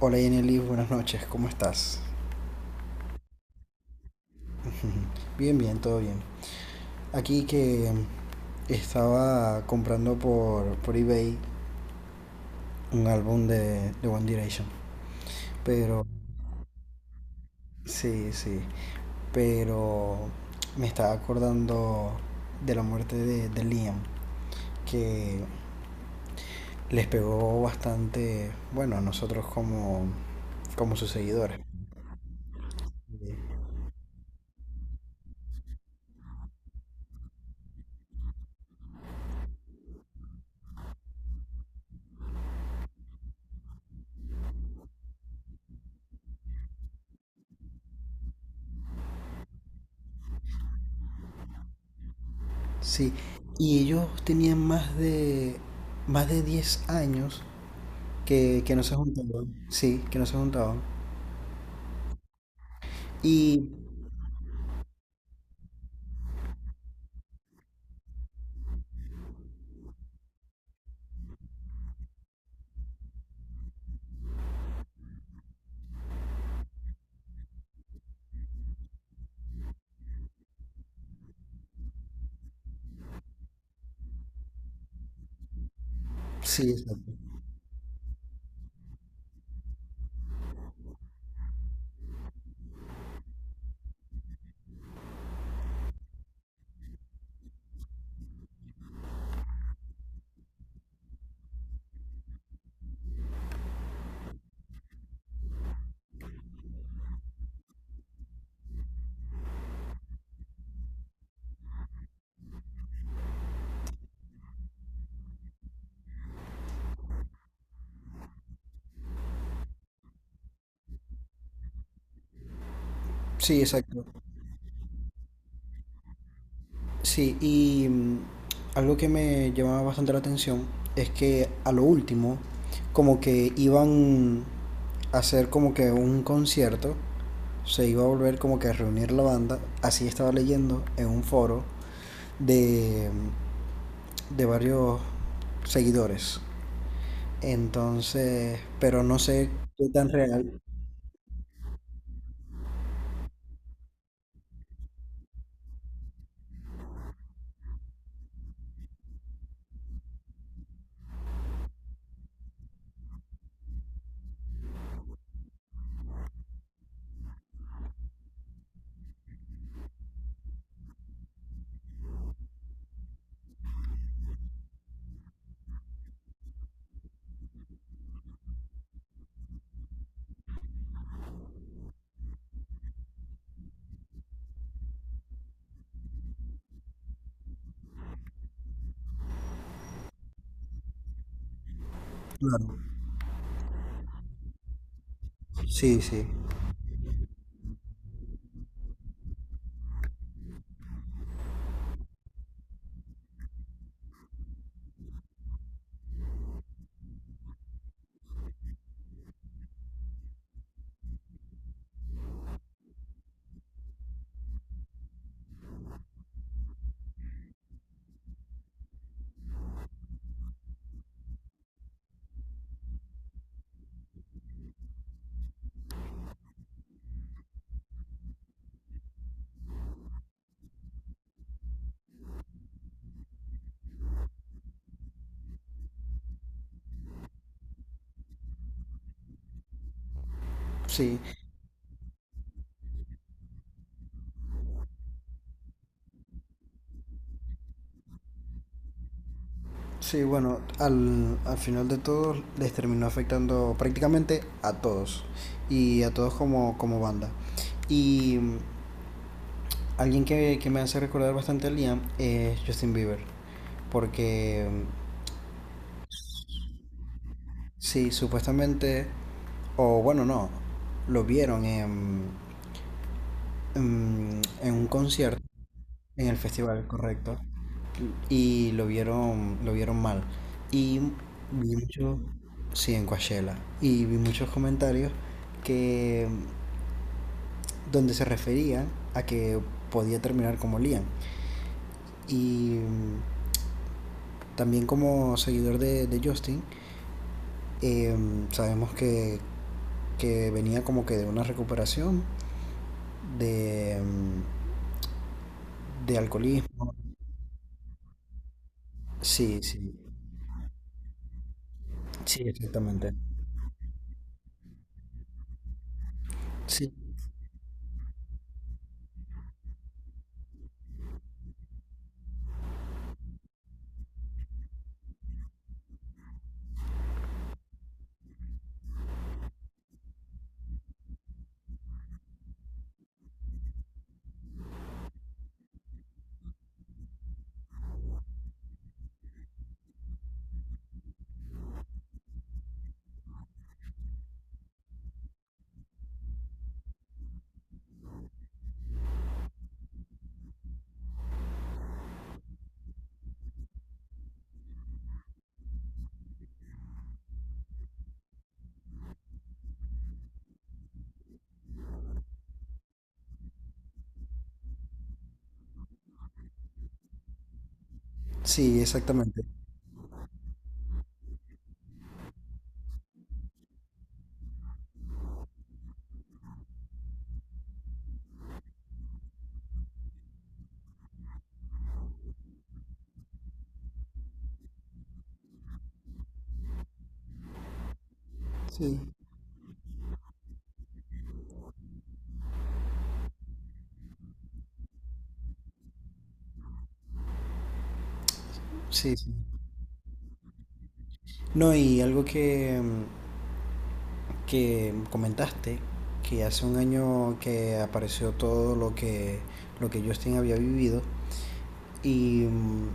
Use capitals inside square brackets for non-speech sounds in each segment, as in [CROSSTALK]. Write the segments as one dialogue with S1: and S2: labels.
S1: Hola Yeneli, buenas noches, ¿cómo estás? Bien, bien, todo bien. Aquí que estaba comprando por eBay un álbum de One Direction. Pero, sí, sí. Pero me estaba acordando de la muerte de Liam, que les pegó bastante, bueno, a nosotros como, como sus seguidores. Sí, y ellos tenían más de 10 años que no se juntaban. Sí, que no se juntaban. Y sí, exacto. Sí, exacto. Sí, y algo que me llamaba bastante la atención es que a lo último, como que iban a hacer como que un concierto, se iba a volver como que a reunir la banda, así estaba leyendo en un foro de, de varios seguidores. Entonces, pero no sé qué tan real. Claro, sí, sí, sí. Sí, bueno, al final de todo les terminó afectando prácticamente a todos y a todos como, como banda. Y alguien que me hace recordar bastante a Liam es Justin Bieber, porque sí, supuestamente, o bueno, no, lo vieron en, en un concierto, en el festival, correcto. Y lo vieron mal. Y vi mucho, sí, en Coachella, y vi muchos comentarios que donde se referían a que podía terminar como Liam. Y también como seguidor de Justin, eh, sabemos que venía como que de una recuperación de, de alcoholismo. Sí, sí, sí, exactamente. Sí, sí, exactamente. Sí, sí, sí. No, y algo que comentaste, que hace un año que apareció todo lo que Justin había vivido, y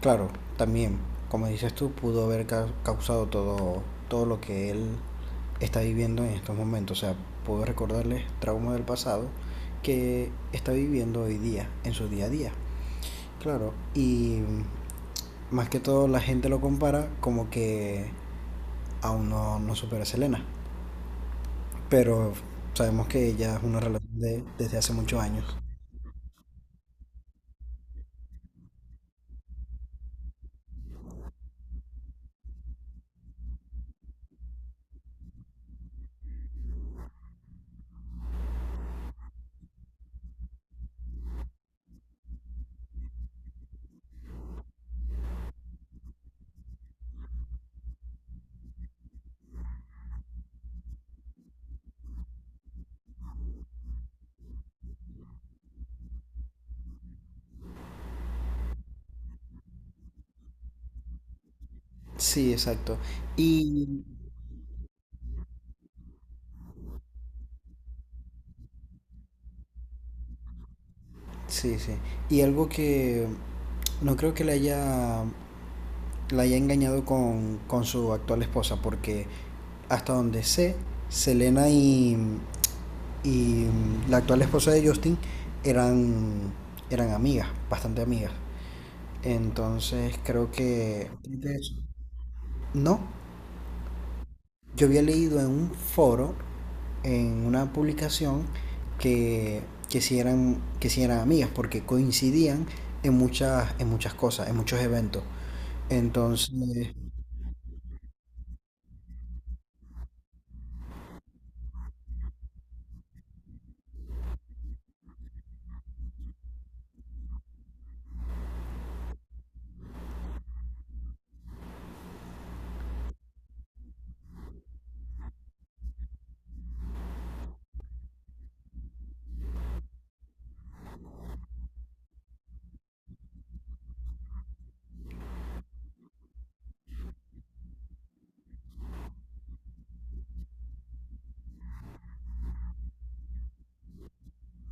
S1: claro, también, como dices tú, pudo haber causado todo, todo lo que él está viviendo en estos momentos, o sea, pudo recordarles traumas del pasado que está viviendo hoy día, en su día a día, claro, y más que todo la gente lo compara como que aún no, no supera a Selena. Pero sabemos que ya es una relación de, desde hace muchos años. Sí, exacto. Y sí, sí. Y algo que no creo que le haya, la haya engañado con su actual esposa, porque hasta donde sé, Selena y la actual esposa de Justin eran, eran amigas, bastante amigas. Entonces creo que creo que eso. No, yo había leído en un foro, en una publicación, que, que si eran amigas, porque coincidían en muchas cosas, en muchos eventos. Entonces,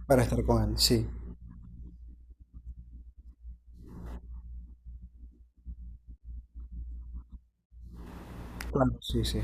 S1: para estar con él, sí. Claro, sí, sí.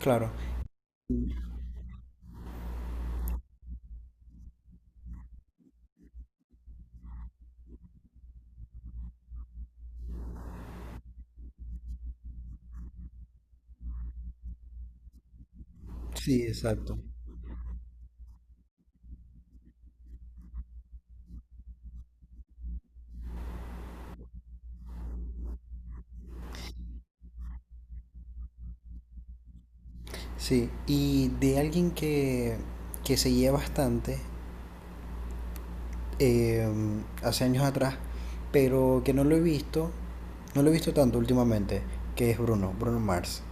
S1: Claro. Sí, exacto. Sí. Y de alguien que seguía bastante eh, hace años atrás, pero que no lo he visto, no lo he visto tanto últimamente, que es Bruno, Bruno Mars.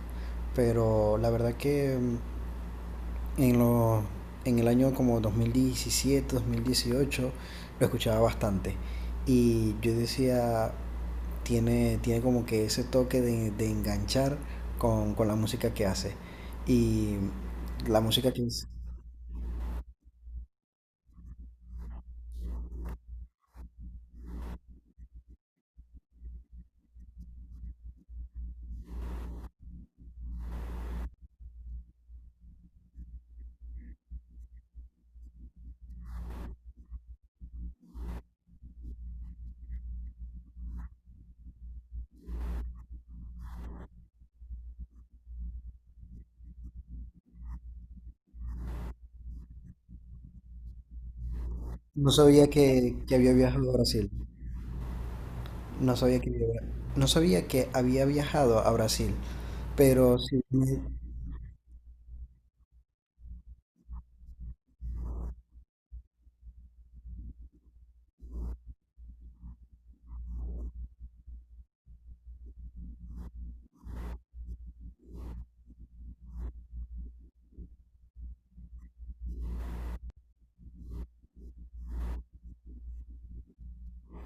S1: Pero la verdad que en, lo, en el año como 2017, 2018, lo escuchaba bastante. Y yo decía, tiene, tiene como que ese toque de enganchar con la música que hace. Y la música que... No sabía que había viajado a Brasil. No sabía que había, no sabía que había viajado a Brasil. Pero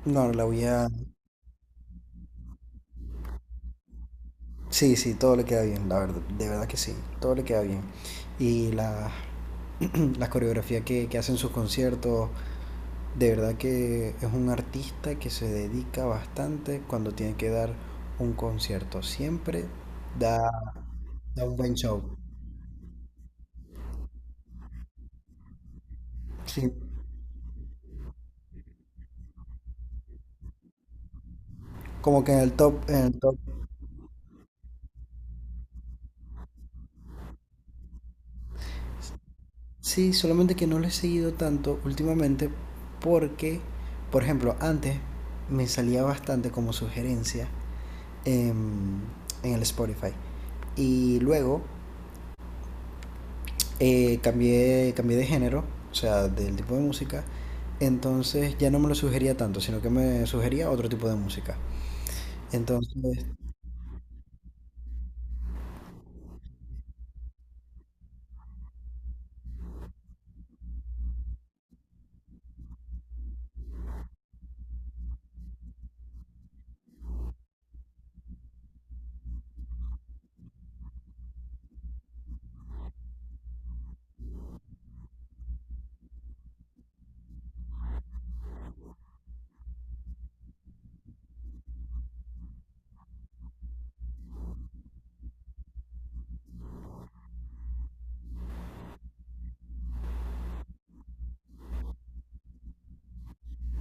S1: no, la voy a, sí, sí, todo le queda bien, la verdad, de verdad que sí, todo le queda bien. Y la, [CLEARS THROAT] las coreografías que hacen sus conciertos, de verdad que es un artista que se dedica bastante cuando tiene que dar un concierto. Siempre da, da un buen show. Sí, como que en el top, en el top. Sí, solamente que no lo he seguido tanto últimamente porque, por ejemplo, antes me salía bastante como sugerencia en, en el Spotify. Y luego cambié, cambié de género, o sea, del tipo de música. Entonces ya no me lo sugería tanto, sino que me sugería otro tipo de música. Entonces,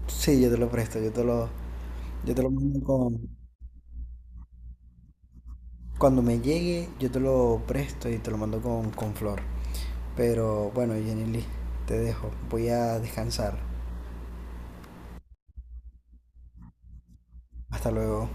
S1: sí, yo te lo presto, yo te lo mando con... Cuando me llegue, yo te lo presto y te lo mando con flor. Pero bueno, Jenny Lee, te dejo. Voy a descansar. Hasta luego.